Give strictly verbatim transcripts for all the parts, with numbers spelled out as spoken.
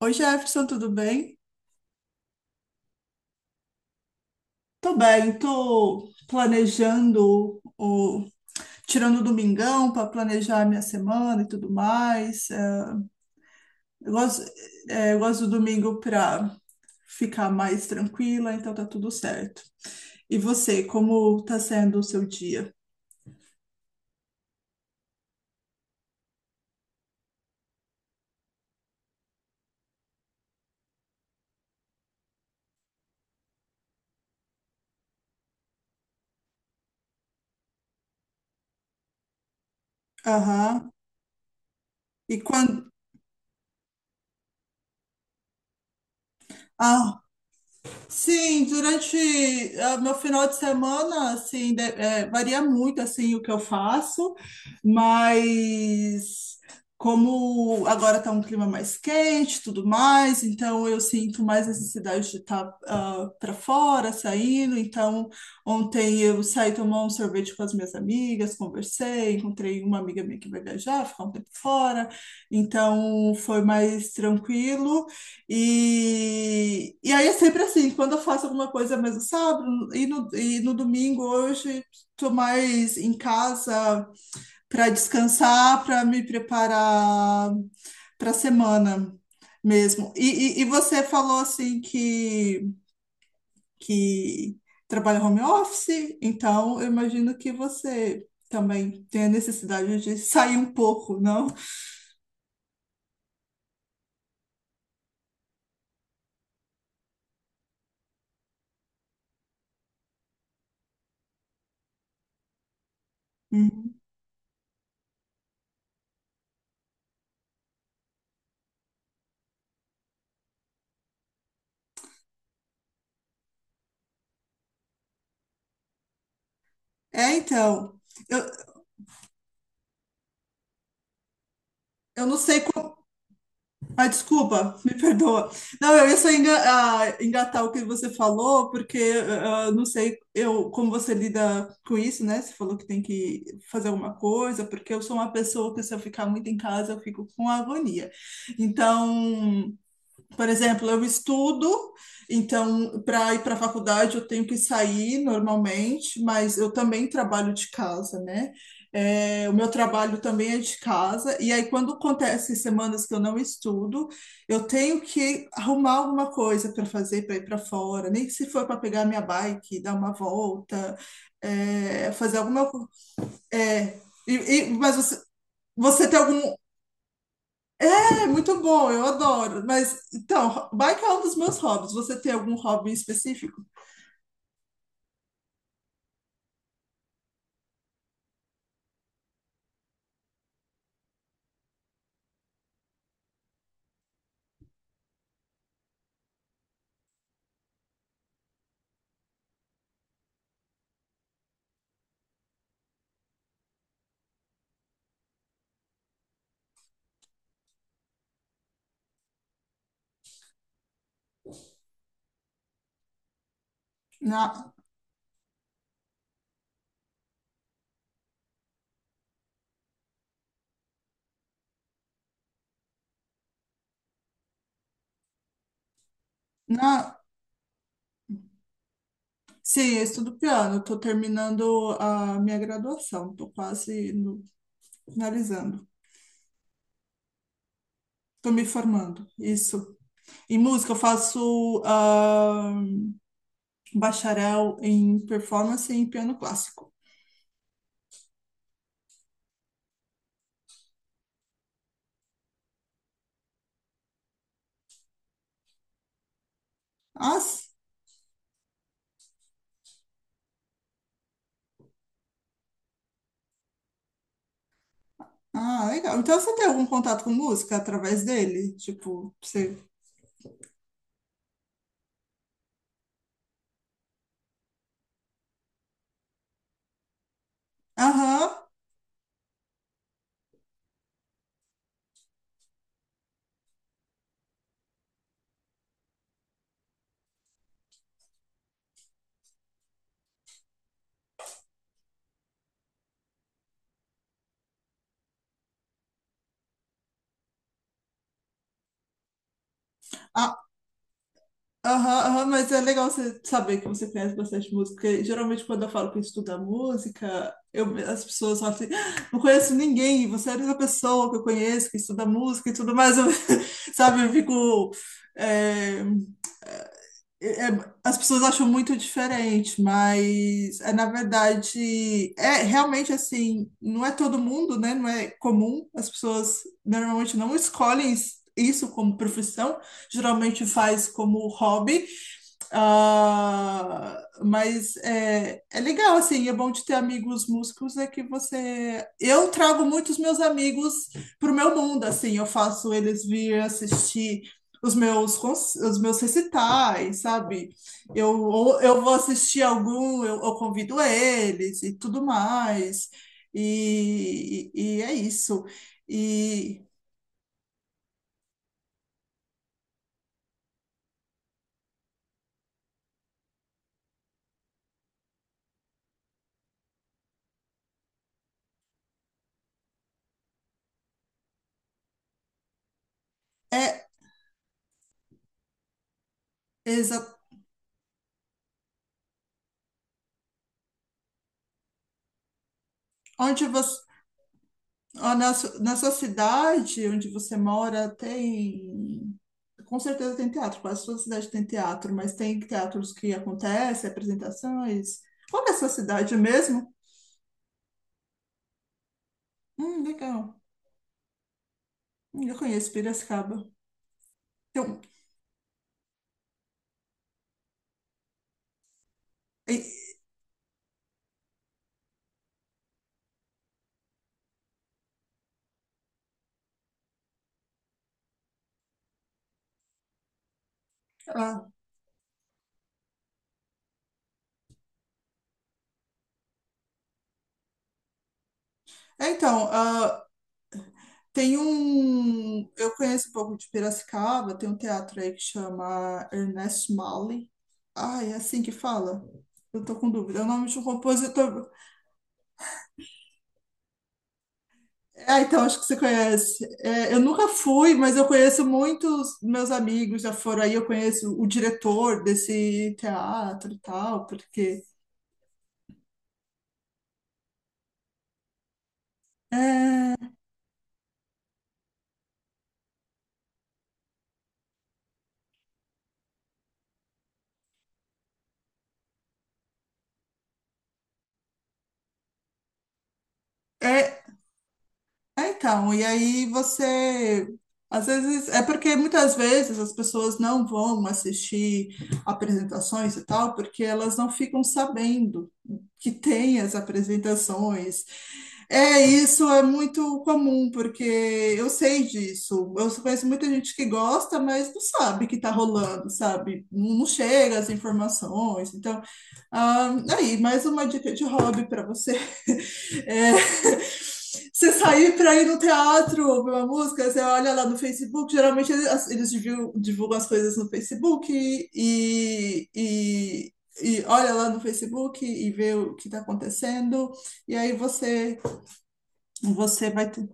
Oi, Jefferson, tudo bem? Tô bem, tô planejando o tirando o domingão para planejar a minha semana e tudo mais. É, Eu gosto, é, eu gosto do domingo para ficar mais tranquila, então tá tudo certo. E você, como tá sendo o seu dia? Aham. E quando? Sim, durante ah, meu final de semana, assim, de- eh, varia muito, assim, o que eu faço, mas como agora está um clima mais quente, e tudo mais, então eu sinto mais necessidade de estar para fora, saindo, então ontem eu saí tomar um sorvete com as minhas amigas, conversei, encontrei uma amiga minha que vai viajar, ficar um tempo fora, então foi mais tranquilo, e, e aí é sempre assim, quando eu faço alguma coisa mais no sábado e no, e no domingo hoje estou mais em casa para descansar, para me preparar para a semana mesmo. E, e, e você falou assim que, que trabalha home office, então eu imagino que você também tem a necessidade de sair um pouco, não? Uhum. É, então. Eu, eu não sei. Ah, desculpa, me perdoa. Não, eu ia só enga- ah, engatar o que você falou, porque ah, ah, não sei eu como você lida com isso, né? Você falou que tem que fazer alguma coisa, porque eu sou uma pessoa que se eu ficar muito em casa, eu fico com agonia. Então, por exemplo, eu estudo, então para ir para a faculdade eu tenho que sair normalmente, mas eu também trabalho de casa, né? É, o meu trabalho também é de casa, e aí quando acontece semanas que eu não estudo, eu tenho que arrumar alguma coisa para fazer para ir para fora, nem que se for para pegar minha bike, dar uma volta, é, fazer alguma coisa. É, e, e- mas você, você tem algum. É muito bom, eu adoro. Mas então, bike é um dos meus hobbies. Você tem algum hobby específico? Na, na... Sim, eu estudo piano. Estou terminando a minha graduação. Estou quase no- finalizando. Estou me formando. Isso. Em música, eu faço ah, bacharel em performance e em piano clássico. Ah, s- ah, legal. Então, você tem algum contato com música através dele? Tipo, você... Aham. Aham, aham, mas é legal você saber que você conhece bastante música, porque geralmente quando eu falo que estuda música, eu, as pessoas falam assim, "Ah, não conheço ninguém, você é a única pessoa que eu conheço que estuda música e tudo mais, Eu- sabe, eu fico... é, é, é, as pessoas acham muito diferente, mas é, na verdade, é realmente assim, não é todo mundo, né? Não é comum, as pessoas normalmente não escolhem isso como profissão, geralmente faz como hobby, ah, mas é, é legal, assim, é bom de ter amigos músicos, é que você... Eu trago muitos meus amigos pro meu mundo, assim, eu faço eles vir assistir os meus, cons- os meus recitais, sabe? Eu, ou eu vou assistir algum, eu, eu convido eles e tudo mais. E, e, e é isso. E é exatamente onde você. Ah, na, su- na sua cidade onde você mora, tem. Com certeza tem teatro, quase toda cidade tem teatro, mas tem teatros que acontecem, apresentações. Qual que é a sua cidade mesmo? Hum, legal. Hum, Eu conheço Piracicaba. Então, e- ah, é, então, ah, tem um. Eu conheço um pouco de Piracicaba, tem um teatro aí que chama Ernest Mali. Ah, é assim que fala? Eu tô com dúvida. É o nome de um compositor. Ah, então acho que você conhece. É, eu nunca fui, mas eu conheço muitos meus amigos já foram aí. Eu conheço o diretor desse teatro e tal, porque é, é É, então, e aí você. Às vezes, é porque muitas vezes as pessoas não vão assistir apresentações e tal, porque elas não ficam sabendo que tem as apresentações. É, isso é muito comum, porque eu sei disso. Eu conheço muita gente que gosta, mas não sabe que está rolando, sabe? Não não chega as informações. Então, ah, aí, mais uma dica de hobby para você. É, você sair para ir no teatro ouvir uma música, você olha lá no Facebook, geralmente eles, eles divulgam, divulgam as coisas no Facebook e, e, e olha lá no Facebook e vê o que está acontecendo, e aí você, você vai. ter-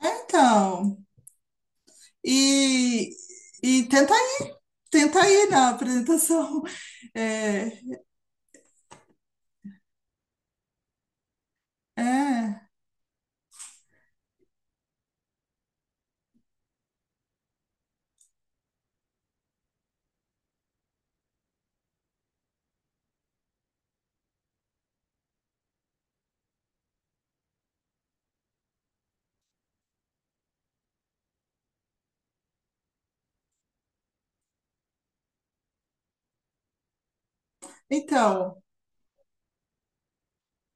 É, então, e, e tenta, tenta ir na apresentação. É, é, então.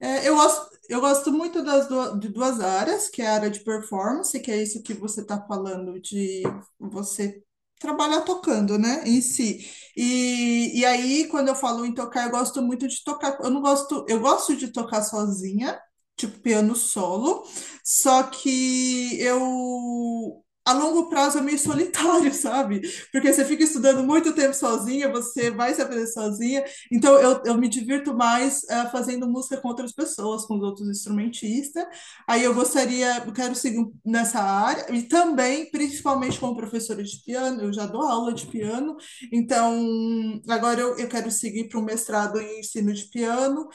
É, eu gosto, eu gosto muito das du- de duas áreas, que é a área de performance, que é isso que você está falando de você trabalhar tocando, né, em si. E, e aí, quando eu falo em tocar, eu gosto muito de tocar. Eu não gosto, eu gosto de tocar sozinha, tipo piano solo, só que eu A longo prazo é meio solitário, sabe? Porque você fica estudando muito tempo sozinha, você vai se aprender sozinha, então, eu, eu me divirto mais eh, fazendo música com outras pessoas, com os outros instrumentistas. Aí eu gostaria, eu quero seguir um- nessa área, e também, principalmente como professora de piano, eu já dou aula de piano, então agora eu, eu quero seguir para um mestrado em ensino de piano,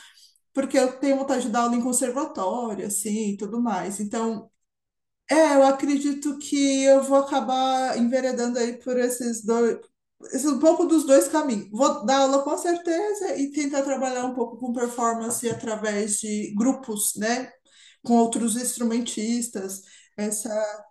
porque eu tenho vontade de dar aula em conservatório, assim, e tudo mais. Então, é, eu acredito que eu vou acabar enveredando aí por esses dois, esse, um pouco dos dois caminhos. Vou dar aula com certeza e tentar trabalhar um pouco com performance através de grupos, né? Com outros instrumentistas. Essa...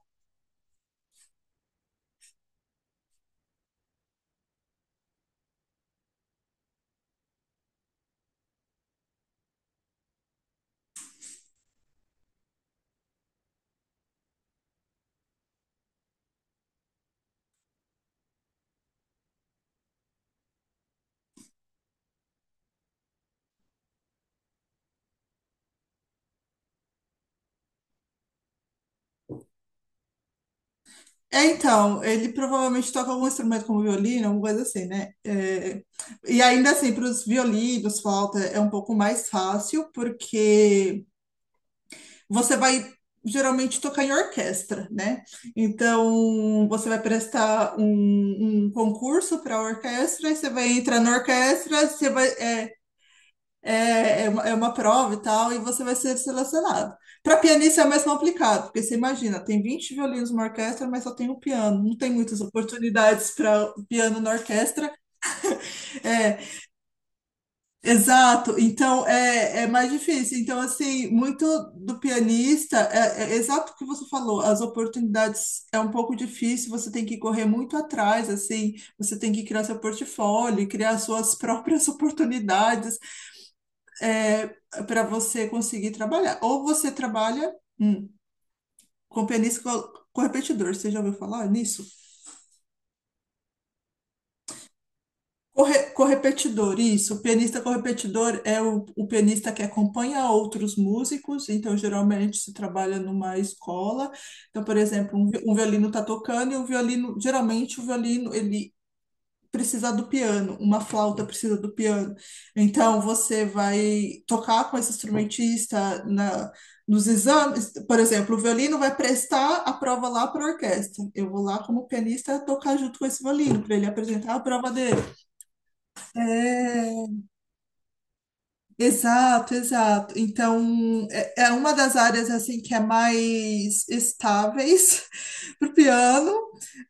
É, então, ele provavelmente toca algum instrumento como violino, alguma coisa assim, né? É, e ainda assim, para os violinos, flauta é um pouco mais fácil, porque você vai geralmente tocar em orquestra, né? Então, você vai prestar um, um concurso para a orquestra, aí você vai entrar na orquestra, você vai, é, é, é, uma, é uma prova e tal, e você vai ser selecionado. Para pianista é mais complicado, porque você imagina, tem vinte violinos numa orquestra, mas só tem um piano, não tem muitas oportunidades para piano na orquestra. É, exato, então é, é mais difícil. Então, assim, muito do pianista, é, é exato o que você falou, as oportunidades é um pouco difícil, você tem que correr muito atrás, assim, você tem que criar seu portfólio, criar suas próprias oportunidades é, para você conseguir trabalhar. Ou você trabalha hum, com pianista co- com repetidor, você já ouviu falar nisso? Corre- Correpetidor, isso. O pianista correpetidor é o, o pianista que acompanha outros músicos, então geralmente se trabalha numa escola. Então, por exemplo, um, vi- um violino está tocando e o violino, geralmente o violino, ele precisa do piano, uma flauta precisa do piano. Então, você vai tocar com esse instrumentista na, nos exames, por exemplo, o violino vai prestar a prova lá para a orquestra. Eu vou lá como pianista tocar junto com esse violino, para ele apresentar a prova dele. É, exato, exato. Então, é, é uma das áreas assim que é mais estáveis para o piano,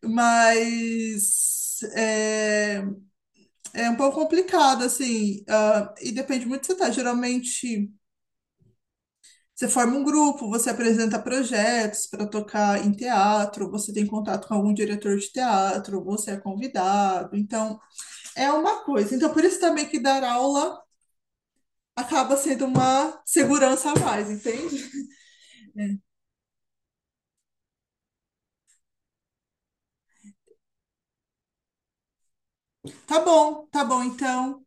mas é, é um pouco complicado, assim, ah, e depende muito do que você tá. Geralmente, você forma um grupo, você apresenta projetos para tocar em teatro, você tem contato com algum diretor de teatro, você é convidado. Então, é uma coisa. Então, por isso também que dar aula acaba sendo uma segurança a mais, entende? Tá bom, tá bom, então.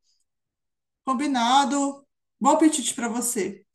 Combinado. Bom apetite para você.